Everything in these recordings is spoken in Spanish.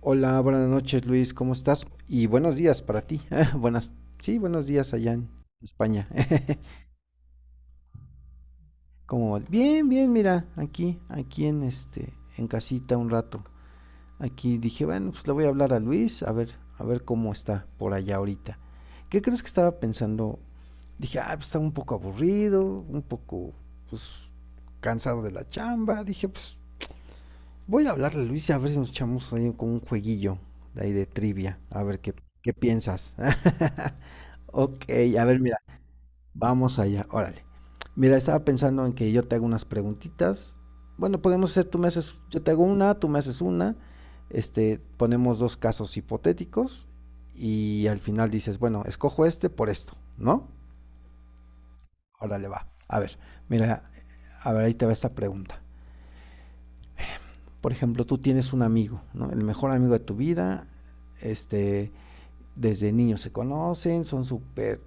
Hola, buenas noches Luis, ¿cómo estás? Y buenos días para ti. Buenas, sí, buenos días allá en España. Como bien, bien, mira, aquí en este, en casita un rato. Aquí dije, bueno, pues le voy a hablar a Luis, a ver cómo está por allá ahorita. ¿Qué crees que estaba pensando? Dije, ah, pues está un poco aburrido, un poco, pues, cansado de la chamba. Dije, pues, voy a hablarle, Luis, y a ver si nos echamos ahí con un jueguillo de ahí de trivia. A ver qué, qué piensas. Ok, a ver, mira, vamos allá, órale. Mira, estaba pensando en que yo te hago unas preguntitas. Bueno, podemos hacer, tú me haces, yo te hago una, tú me haces una. Ponemos dos casos hipotéticos y al final dices, bueno, escojo este por esto, ¿no? Órale, va. A ver, mira, a ver, ahí te va esta pregunta. Por ejemplo, tú tienes un amigo, ¿no? El mejor amigo de tu vida, este, desde niños se conocen, son súper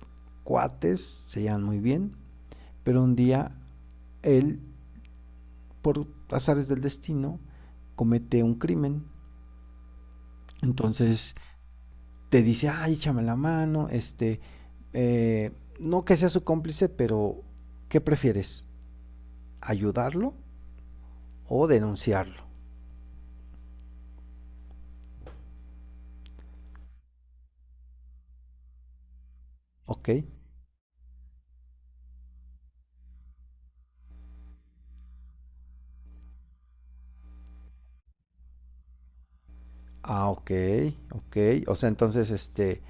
cuates, se llevan muy bien, pero un día él, por azares del destino, comete un crimen, entonces te dice, ay, échame la mano, eh, no que sea su cómplice, pero ¿qué prefieres? ¿Ayudarlo o denunciarlo? ¿Ok? Ah, ok, ok. O sea, entonces,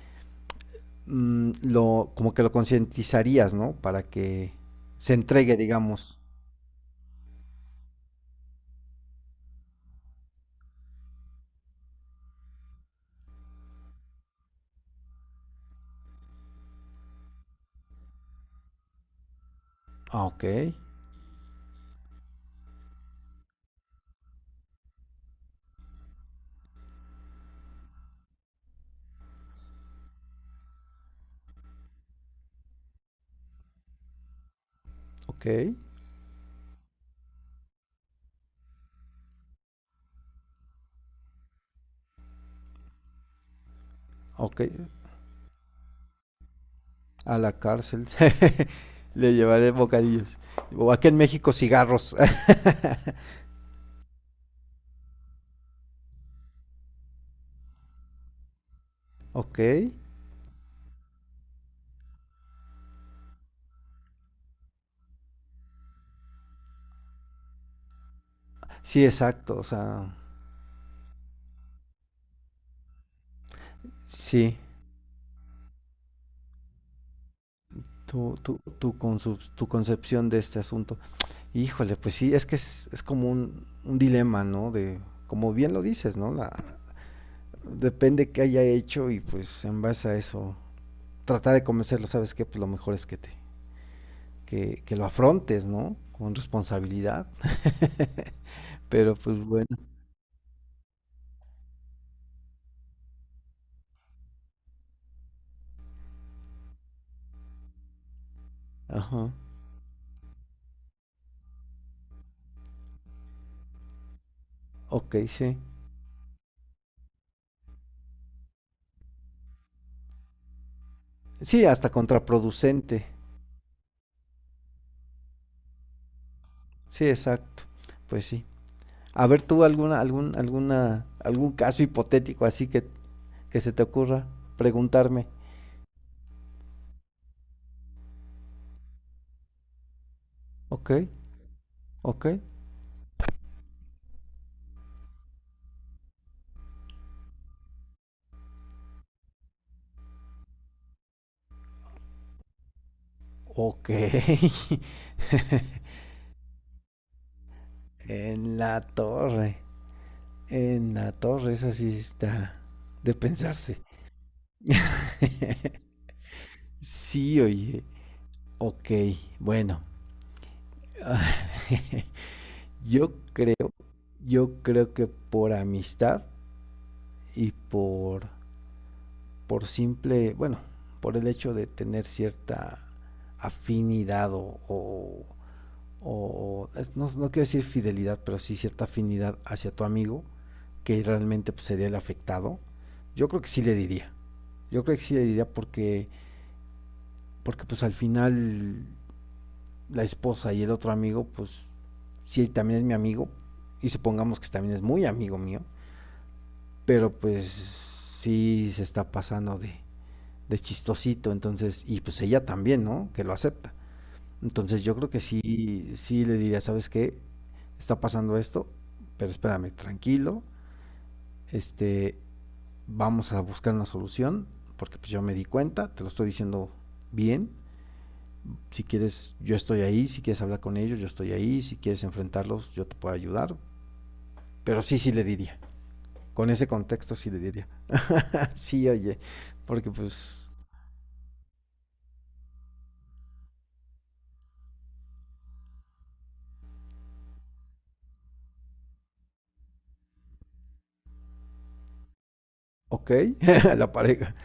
lo, como que lo concientizarías, ¿no? Para que se entregue, digamos. Ah, ok, ok, ok. A la cárcel. Le llevaré bocadillos. O aquí en México cigarros. Ok. Sí, exacto. O sea, sí. Tu concepción de este asunto. Híjole, pues sí, es que es como un dilema, ¿no? De, como bien lo dices, ¿no? La, depende qué haya hecho y pues en base a eso tratar de convencerlo, ¿sabes qué? Pues lo mejor es que te que lo afrontes, ¿no? Con responsabilidad. Pero pues bueno, ajá. Ok, sí. Sí, hasta contraproducente. Sí, exacto. Pues sí. A ver tú alguna algún caso hipotético así que se te ocurra preguntarme. Ok, ok, ok. En la torre, en la torre, esa sí está de pensarse. Sí, oye. Ok, bueno. Yo creo, yo creo que por amistad y por simple, bueno, por el hecho de tener cierta afinidad o- es- no, no quiero decir fidelidad, pero sí cierta afinidad hacia tu amigo, que realmente pues, sería el afectado, yo creo que sí le diría. Yo creo que sí le diría porque, porque pues al final la esposa y el otro amigo, pues si él también es mi amigo, y supongamos que también es muy amigo mío, pero pues sí se está pasando de chistosito, entonces, y pues ella también, ¿no? Que lo acepta. Entonces yo creo que sí, sí le diría, ¿sabes qué? Está pasando esto, pero espérame, tranquilo, este, vamos a buscar una solución, porque pues yo me di cuenta, te lo estoy diciendo bien, si quieres, yo estoy ahí, si quieres hablar con ellos, yo estoy ahí, si quieres enfrentarlos, yo te puedo ayudar. Pero sí, sí le diría. Con ese contexto sí le diría. Sí, oye, porque pues, ok, la pareja.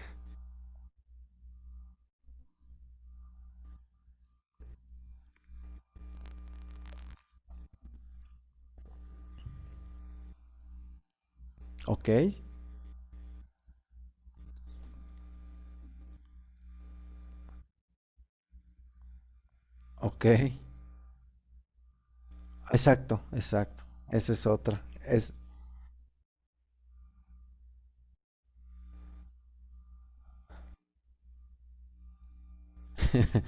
Ok, ok. Exacto, exacto. Esa es otra. Es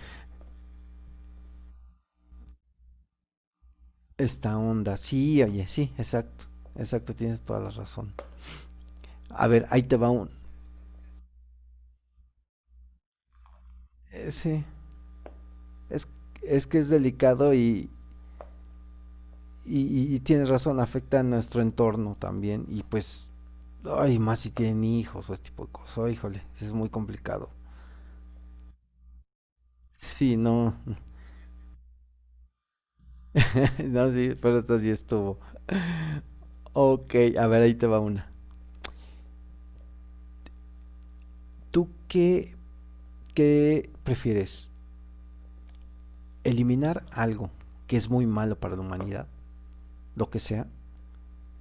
esta onda. Sí, oye, sí, exacto. Exacto, tienes toda la razón. A ver, ahí te va un... Ese, es, es que es delicado y tienes razón, afecta a nuestro entorno también y pues, ay, más si tienen hijos o este tipo de cosas, oh, híjole, es muy complicado. Sí, no, no, sí, pero esta sí estuvo. Ok, a ver, ahí te va una. ¿Tú qué, qué prefieres? ¿Eliminar algo que es muy malo para la humanidad, lo que sea,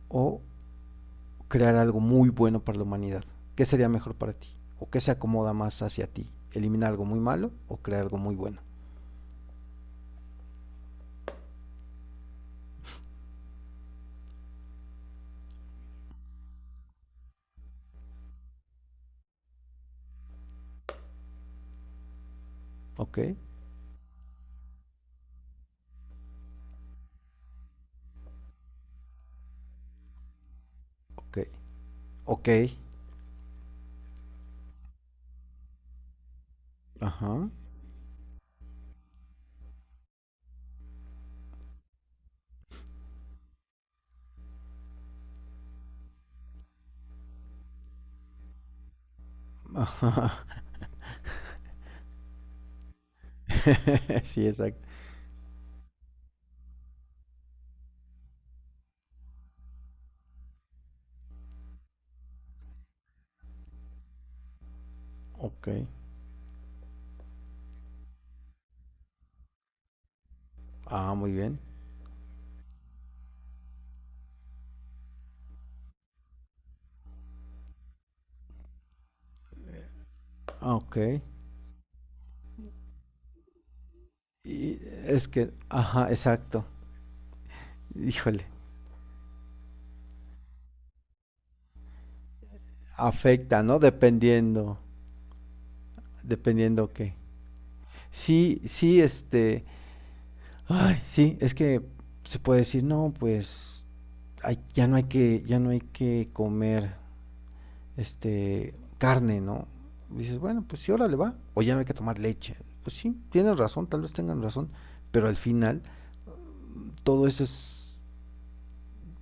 o crear algo muy bueno para la humanidad? ¿Qué sería mejor para ti? ¿O qué se acomoda más hacia ti? ¿Eliminar algo muy malo o crear algo muy bueno? ¿Ok? Ok. Ok. Ajá. Ajá. Sí, exacto. Ok. Ah, muy bien. Ah, ok. Y es que, ajá, exacto. Híjole. Afecta, ¿no? Dependiendo. Dependiendo qué. Sí, sí, este. Ay, sí, es que se puede decir, no, pues. Ay, ya no hay que comer. Este, carne, ¿no? Dices, bueno, pues sí, ahora le va. O ya no hay que tomar leche. Pues sí, tienen razón, tal vez tengan razón. Pero al final, todo eso es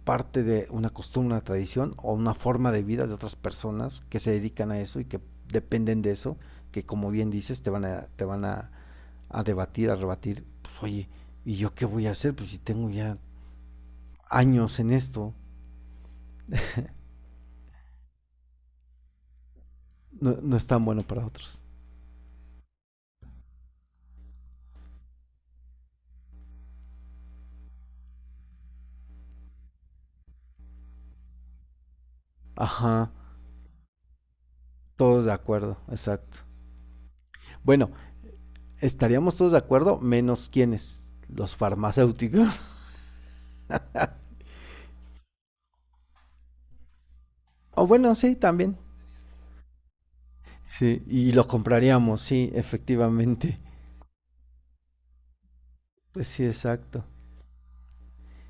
parte de una costumbre, una tradición o una forma de vida de otras personas que se dedican a eso y que dependen de eso, que como bien dices, te van a debatir, a rebatir, pues oye, ¿y yo qué voy a hacer? Pues si tengo ya años en esto, no, no es tan bueno para otros. Ajá, todos de acuerdo, exacto. Bueno, estaríamos todos de acuerdo, menos quienes, los farmacéuticos. O bueno, sí, también. Sí, y lo compraríamos, sí, efectivamente. Pues sí, exacto.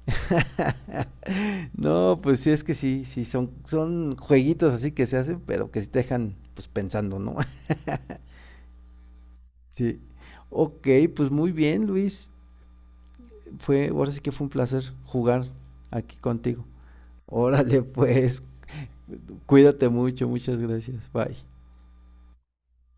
No, pues sí, es que sí, sí, son, son jueguitos así que se hacen, pero que sí te dejan pues pensando, ¿no? Sí. Ok, pues muy bien, Luis. Fue, ahora sí que fue un placer jugar aquí contigo. Órale, pues, cuídate mucho, muchas gracias. Bye.